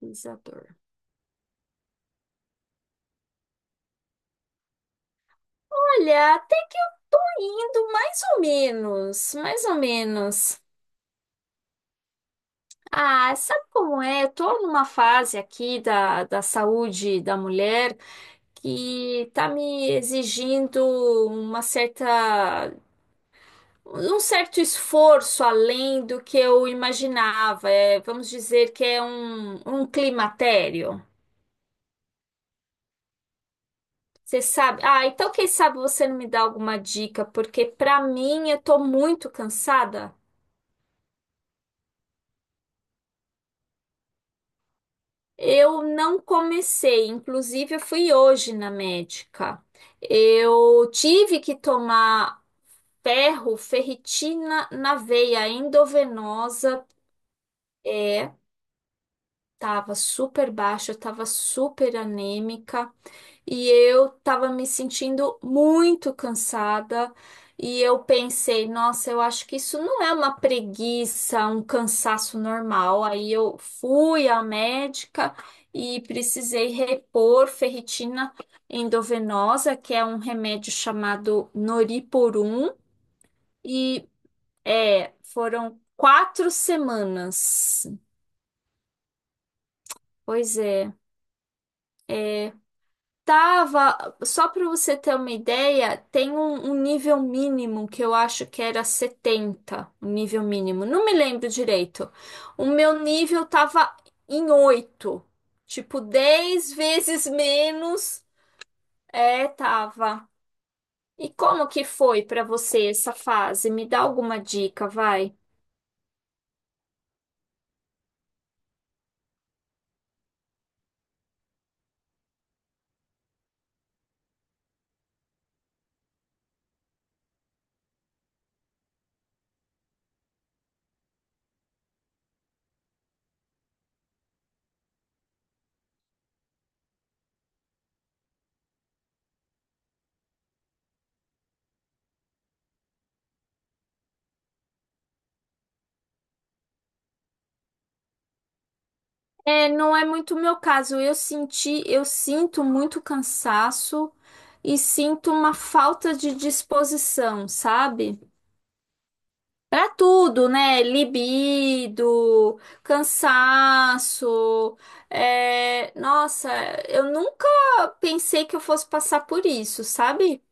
Pesquisador. Olha, até que eu tô indo mais ou menos, mais ou menos. Ah, sabe como é? Eu tô numa fase aqui da saúde da mulher que tá me exigindo uma certa, um certo esforço além do que eu imaginava. É, vamos dizer que é um climatério. Você sabe? Ah, então quem sabe você não me dá alguma dica, porque pra mim eu tô muito cansada. Eu não comecei, inclusive eu fui hoje na médica. Eu tive que tomar ferro, ferritina na veia endovenosa. Tava super baixa, tava super anêmica e eu tava me sentindo muito cansada. E eu pensei, nossa, eu acho que isso não é uma preguiça, um cansaço normal. Aí eu fui à médica e precisei repor ferritina endovenosa, que é um remédio chamado Noriporum, e foram 4 semanas. Pois é. Tava, só para você ter uma ideia, tem um nível mínimo que eu acho que era 70 o nível mínimo. Não me lembro direito. O meu nível tava em 8, tipo 10 vezes menos. É, tava. E como que foi para você essa fase? Me dá alguma dica, vai. É, não é muito o meu caso. Eu sinto muito cansaço e sinto uma falta de disposição, sabe? Pra tudo, né? Libido, cansaço. Nossa, eu nunca pensei que eu fosse passar por isso, sabe?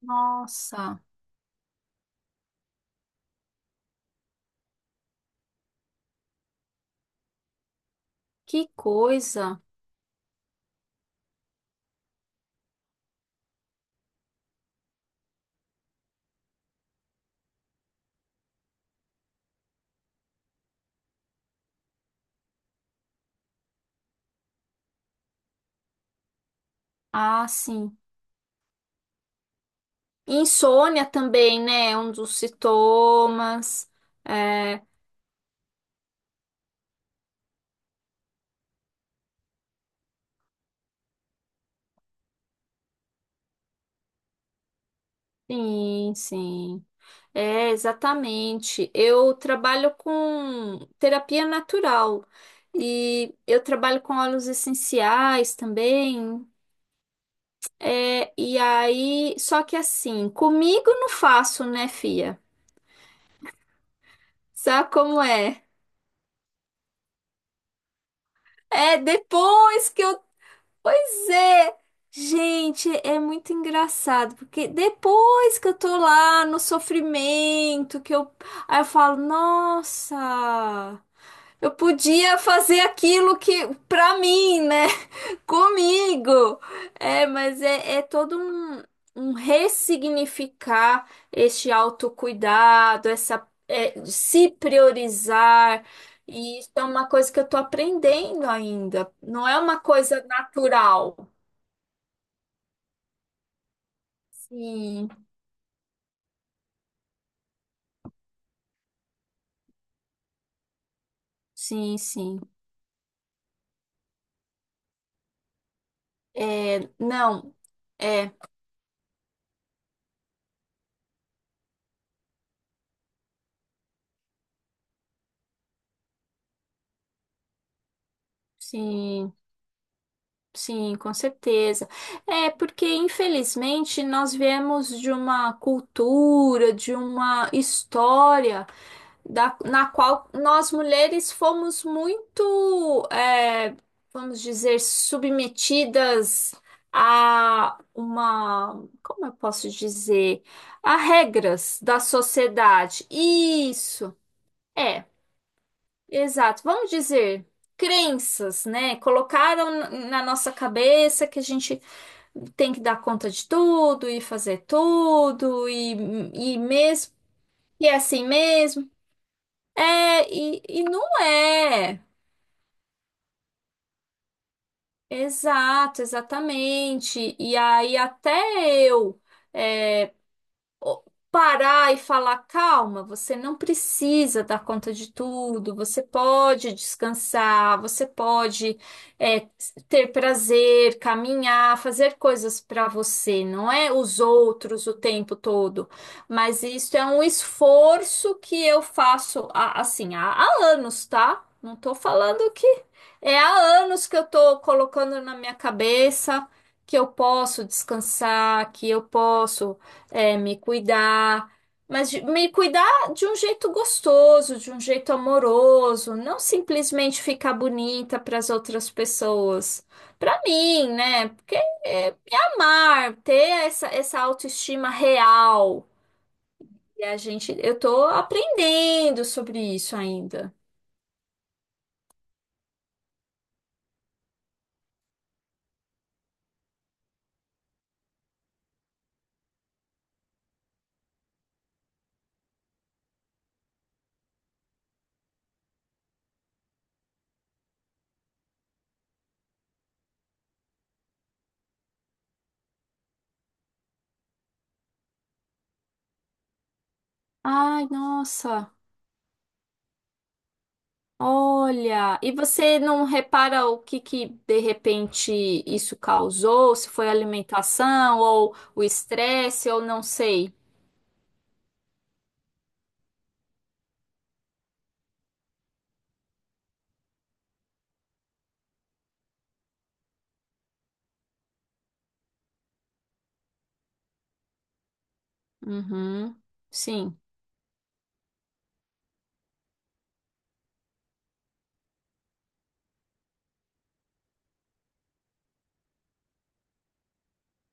Nossa, que coisa. Ah, sim. Insônia também, né? Um dos sintomas. É, sim, sim. É, exatamente. Eu trabalho com terapia natural e eu trabalho com óleos essenciais também. É, e aí, só que assim, comigo não faço, né, fia? Sabe como é? É depois que eu. Pois é! Gente, é muito engraçado, porque depois que eu tô lá no sofrimento, que eu. Aí eu falo, nossa! Eu podia fazer aquilo que, pra mim, né? Comigo. É, mas é todo um ressignificar este autocuidado, essa, se priorizar. E isso é uma coisa que eu tô aprendendo ainda. Não é uma coisa natural. Sim, sim, sim. É, não, é, sim. Sim, com certeza. É porque, infelizmente, nós viemos de uma cultura, de uma história na qual nós mulheres fomos muito, vamos dizer, submetidas como eu posso dizer, a regras da sociedade. Isso, é, exato. Vamos dizer crenças, né? Colocaram na nossa cabeça que a gente tem que dar conta de tudo e fazer tudo e mesmo e é assim mesmo. É, e não é. Exato, exatamente. E aí até eu é, o- parar e falar, calma, você não precisa dar conta de tudo, você pode descansar, você pode é, ter prazer, caminhar, fazer coisas para você, não é os outros o tempo todo, mas isso é um esforço que eu faço assim há anos, tá? Não tô falando que é há anos que eu tô colocando na minha cabeça que eu posso descansar, que eu posso me cuidar, mas me cuidar de um jeito gostoso, de um jeito amoroso, não simplesmente ficar bonita para as outras pessoas. Para mim, né? Porque me amar, ter essa autoestima real. E eu tô aprendendo sobre isso ainda. Ai, nossa. Olha, e você não repara o que que de repente isso causou? Se foi a alimentação ou o estresse ou não sei. Uhum, sim.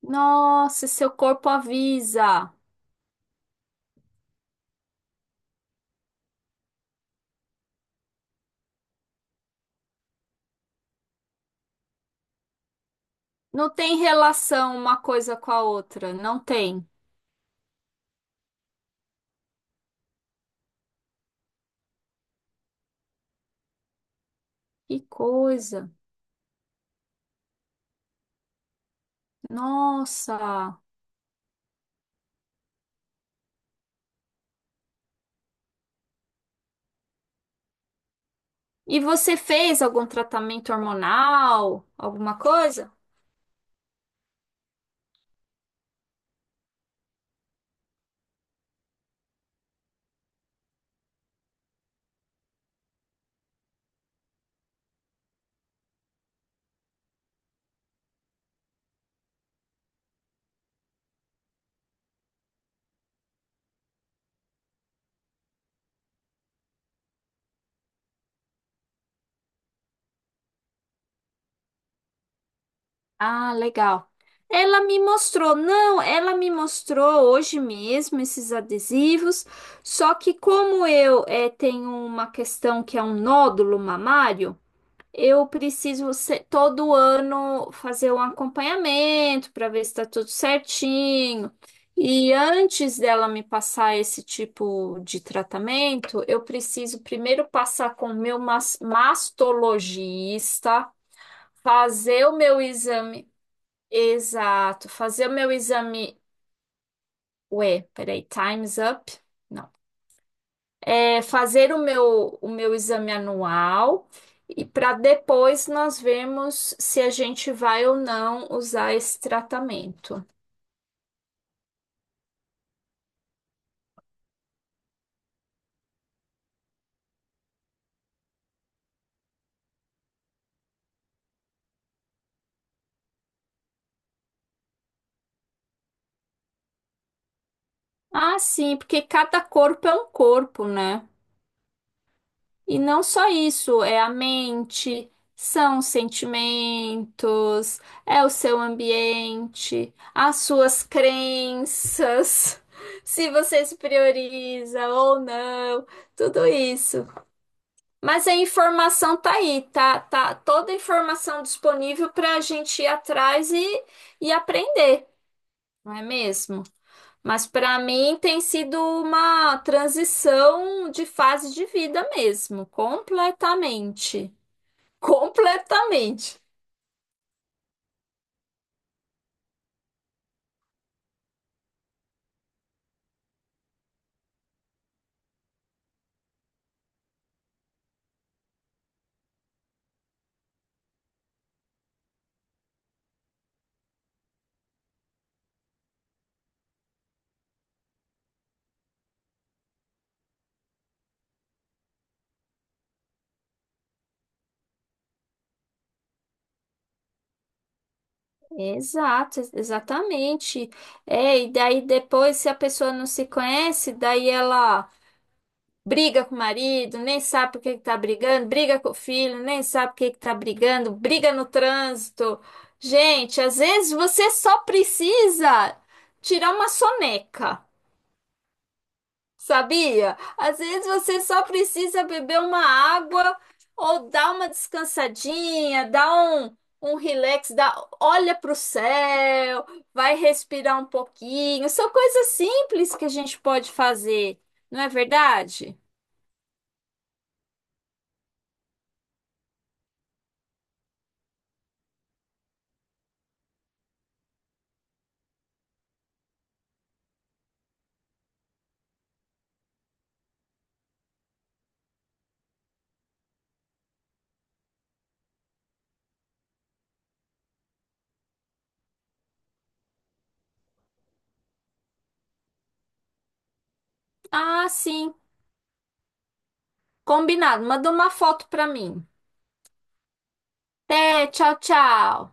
Nossa, seu corpo avisa. Não tem relação uma coisa com a outra, não tem. Que coisa. Nossa. E você fez algum tratamento hormonal, alguma coisa? Ah, legal. Ela me mostrou, não, ela me mostrou hoje mesmo esses adesivos, só que como eu tenho uma questão que é um nódulo mamário, eu preciso todo ano fazer um acompanhamento para ver se está tudo certinho. E antes dela me passar esse tipo de tratamento, eu preciso primeiro passar com o meu mastologista, fazer o meu exame. Exato. Fazer o meu exame. Ué, peraí, time's up? Não. É fazer o meu exame anual e para depois nós vermos se a gente vai ou não usar esse tratamento. Ah, sim, porque cada corpo é um corpo, né? E não só isso, é a mente, são os sentimentos, é o seu ambiente, as suas crenças, se você se prioriza ou não, tudo isso. Mas a informação tá aí, tá toda a informação disponível para a gente ir atrás e aprender, não é mesmo? Mas para mim tem sido uma transição de fase de vida mesmo, completamente. Completamente. Exato, exatamente. É, e daí depois, se a pessoa não se conhece, daí ela briga com o marido, nem sabe por que que tá brigando, briga com o filho, nem sabe por que que tá brigando, briga no trânsito. Gente, às vezes você só precisa tirar uma soneca. Sabia? Às vezes você só precisa beber uma água ou dar uma descansadinha, dar um relax, olha para o céu, vai respirar um pouquinho. São coisas simples que a gente pode fazer, não é verdade? Ah, sim. Combinado. Manda uma foto para mim. Até, tchau, tchau.